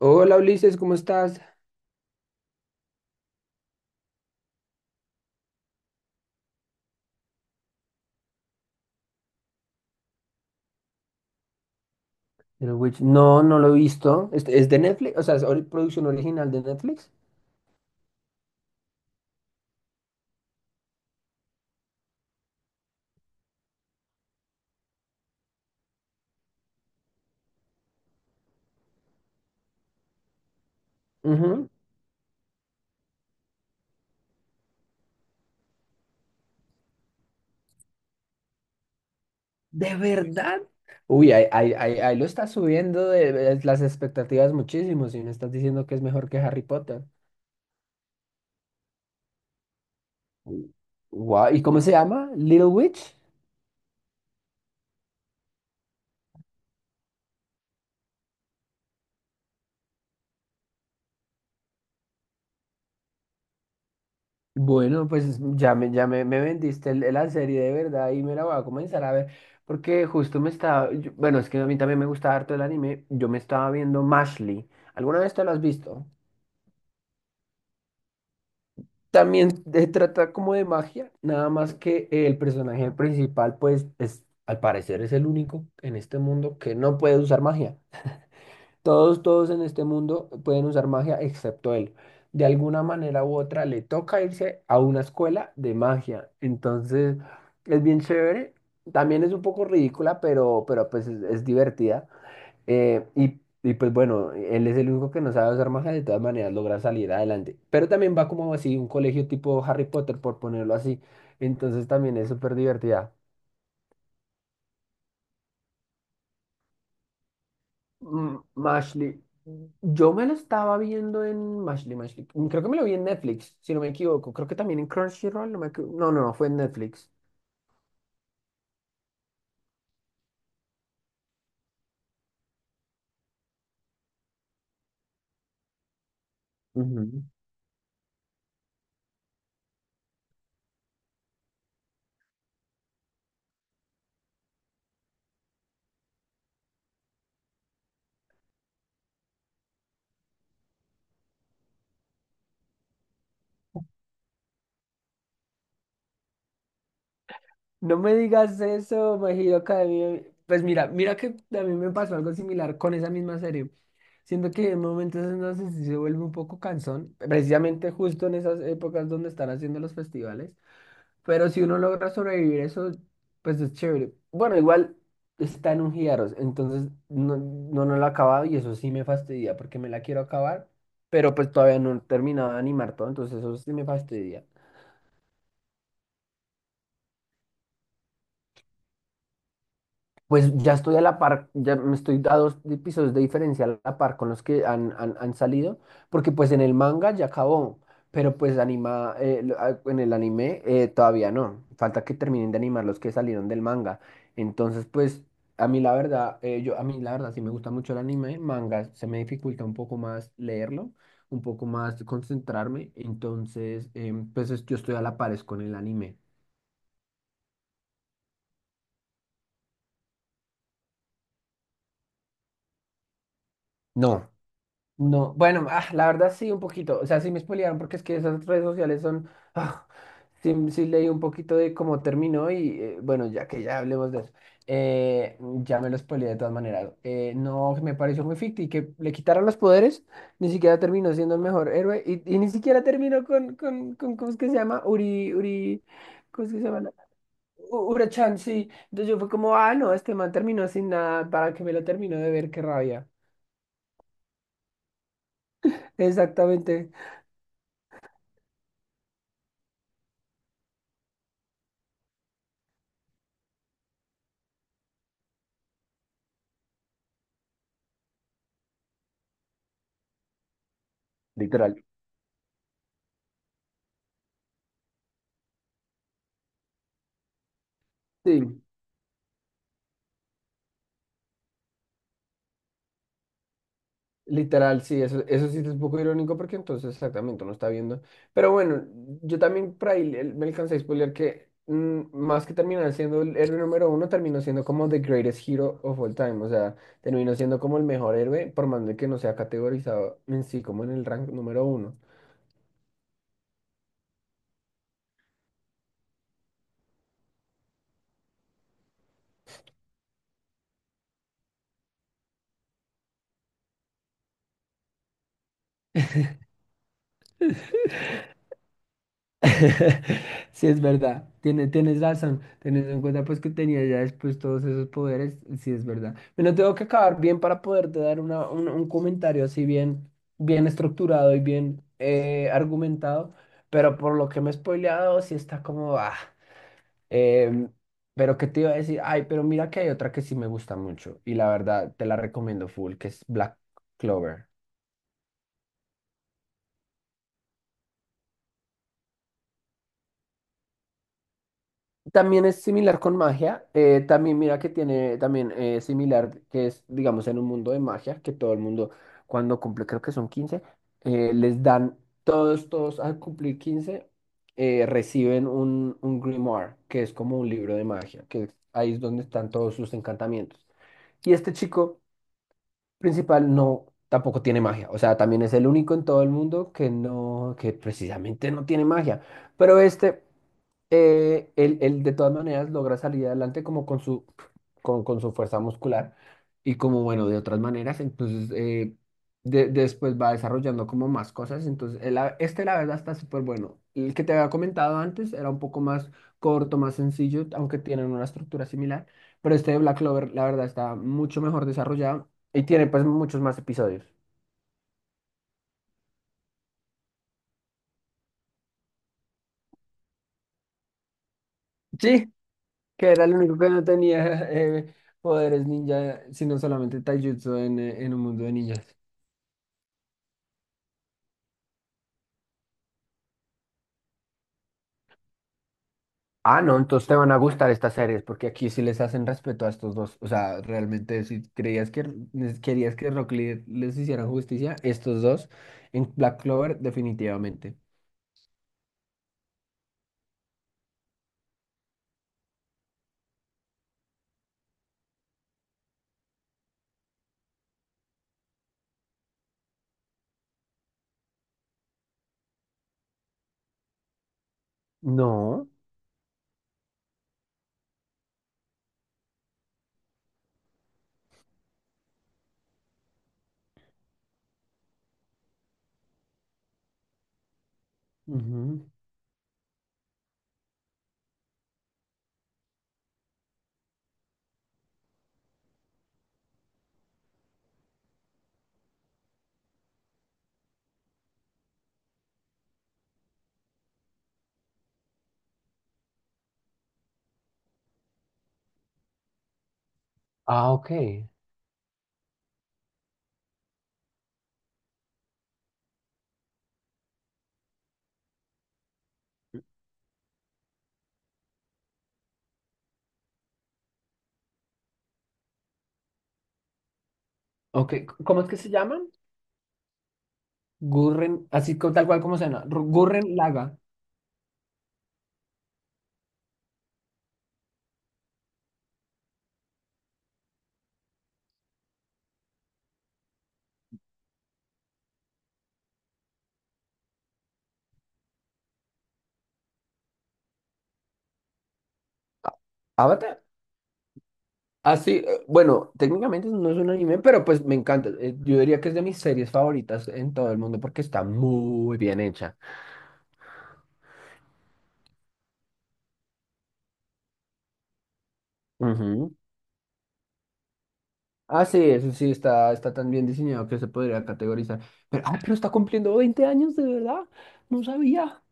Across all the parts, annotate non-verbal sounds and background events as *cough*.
Hola Ulises, ¿cómo estás? El Witch- No, no lo he visto. ¿Es de Netflix? O sea, ¿es ori- producción original de Netflix? Ujú. ¿De verdad? Uy, ahí lo estás subiendo de las expectativas muchísimo si me estás diciendo que es mejor que Harry Potter. Guau, ¿y cómo se llama? ¿Little Witch? Bueno, pues me vendiste el- la serie de verdad y me la voy a comenzar a ver. Porque justo me estaba. Yo- bueno, es que a mí también me gusta harto el anime. Yo me estaba viendo Mashley. ¿Alguna vez te lo has visto? También de- trata como de magia, nada más que el personaje principal, pues, es, al parecer es el único en este mundo que no puede usar magia. Todos en este mundo pueden usar magia excepto él. De alguna manera u otra le toca irse a una escuela de magia. Entonces, es bien chévere. También es un poco ridícula, pero pues es divertida. Y pues bueno, él es el único que no sabe usar magia, de todas maneras logra salir adelante. Pero también va como así, un colegio tipo Harry Potter, por ponerlo así. Entonces también es súper divertida. Mm, Mashley, yo me lo estaba viendo en Mashley, Mashley. Creo que me lo vi en Netflix, si no me equivoco. Creo que también en Crunchyroll, no me equivo- No, no, fue en Netflix. No me digas eso, My Hero Academia. Pues mira, mira que a mí me pasó algo similar con esa misma serie. Siento que en momentos en los que sí se vuelve un poco cansón, precisamente justo en esas épocas donde están haciendo los festivales. Pero si uno logra sobrevivir eso, pues es chévere. Bueno, igual está en un Giaros, entonces no lo he acabado y eso sí me fastidia porque me la quiero acabar, pero pues todavía no he terminado de animar todo, entonces eso sí me fastidia. Pues ya estoy a la par, ya me estoy a dos di- pisos de diferencia a la par con los que han salido, porque pues en el manga ya acabó, pero pues anima, lo- ah, en el anime todavía no, falta que terminen de animar los que salieron del manga. Entonces pues a mí la verdad, yo a mí la verdad sí me gusta mucho el anime, manga se me dificulta un poco más leerlo, un poco más concentrarme, entonces pues es- yo estoy a la par es con el anime. No. No, bueno, la verdad sí, un poquito. O sea, sí me spoilearon porque es que esas redes sociales son. *laughs* ah, sí, sí leí un poquito de cómo terminó y bueno, ya que ya hablemos de eso. eh, ya me lo spoileé de todas maneras. No, me pareció muy ficti que le quitaron los poderes, ni siquiera terminó siendo el mejor héroe y ni siquiera terminó con, ¿cómo es que se llama? Uri, Uri, ¿cómo es que se llama? U- Urachan, sí. Entonces yo fue como, ah, no, este man terminó sin nada, ¿para que me lo termino de ver? Qué rabia. Exactamente. Literal. Sí, literal, sí, eso sí es un poco irónico porque entonces exactamente uno está viendo. Pero bueno, yo también por ahí le- me alcancé a spoiler que más que terminar siendo el héroe número uno, terminó siendo como the greatest hero of all time. O sea, terminó siendo como el mejor héroe, por más de que no sea categorizado en sí como en el rank número uno. *laughs* Sí, es verdad, tienes razón, teniendo en cuenta pues que tenía ya después todos esos poderes, sí es verdad. Bueno, tengo que acabar bien para poderte dar un comentario así bien, bien estructurado y bien argumentado, pero por lo que me he spoileado sí está como, em, pero que te iba a decir, ay, pero mira que hay otra que sí me gusta mucho y la verdad te la recomiendo full, que es Black Clover. También es similar con magia. También mira que tiene, también similar, que es, digamos, en un mundo de magia, que todo el mundo cuando cumple, creo que son 15 les dan, todos, todos al cumplir 15 reciben un grimoire, que es como un libro de magia, que ahí es donde están todos sus encantamientos. Y este chico principal no, tampoco tiene magia. O sea, también es el único en todo el mundo que no, que precisamente no tiene magia. Pero este, él de todas maneras logra salir adelante como con su fuerza muscular y como, bueno, de otras maneras. Entonces, de- después va desarrollando como más cosas. Entonces, el a- este la verdad está súper bueno. El que te había comentado antes era un poco más corto, más sencillo, aunque tienen una estructura similar. Pero este de Black Clover, la verdad, está mucho mejor desarrollado. Y tiene pues muchos más episodios. Sí, que era el único que no tenía poderes ninja, sino solamente taijutsu en un mundo de ninjas. Ah, no, entonces te van a gustar estas series, porque aquí sí les hacen respeto a estos dos. O sea, realmente si creías que nes- querías que Rock Lee les hiciera justicia, estos dos en Black Clover definitivamente. No. Ujú. Ah, ok. Ok, c- ¿cómo es que se llaman? Gurren, así co- tal cual como suena. Ru- Gurren Laga. ¿Avatar? Así, bueno, técnicamente no es un anime, pero pues me encanta. Yo diría que es de mis series favoritas en todo el mundo porque está muy bien hecha. Ujú. Ah, sí, eso sí, está tan bien diseñado que se podría categorizar. Pero está cumpliendo 20 años, de verdad. No sabía.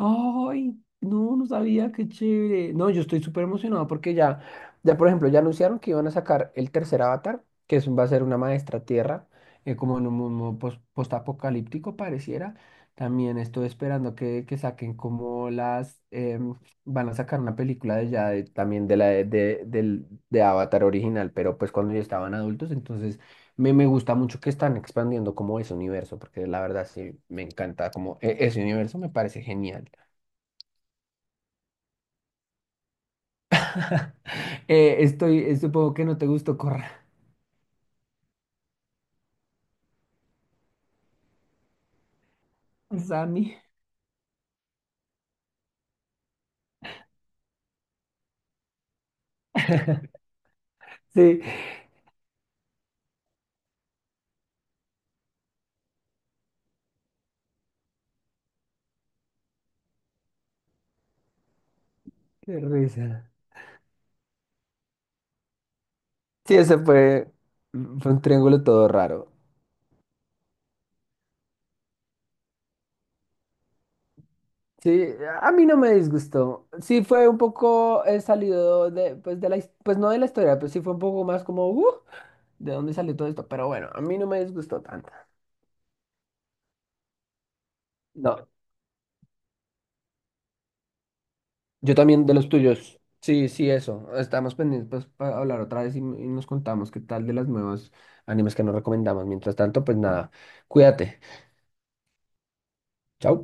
Ay, no, no sabía, qué chévere. No, yo estoy súper emocionado porque ya, ya por ejemplo, ya anunciaron que iban a sacar el tercer avatar, que es, va a ser una maestra tierra, como en un mundo pos- postapocalíptico pareciera. También estoy esperando que saquen como las, van a sacar una película de ya, de- también de la de, del- de Avatar original, pero pues cuando ya estaban adultos, entonces me gusta mucho que están expandiendo como ese universo, porque la verdad sí me encanta como e- ese universo me parece genial. Supongo que no te gustó Corra, *laughs* Sammy. Sí, qué risa. Sí, ese fue, fue un triángulo todo raro. Sí, a mí no me disgustó. Sí, fue un poco salido de, pues, de la, his- pues no de la historia, pero sí fue un poco más como, ¿de dónde salió todo esto? Pero bueno, a mí no me disgustó tanto. No, yo también de los tuyos. Sí, sí, eso. Estamos pendientes pues, para hablar otra vez y nos contamos qué tal de las nuevas animes que nos recomendamos. Mientras tanto, pues nada, cuídate. Chao.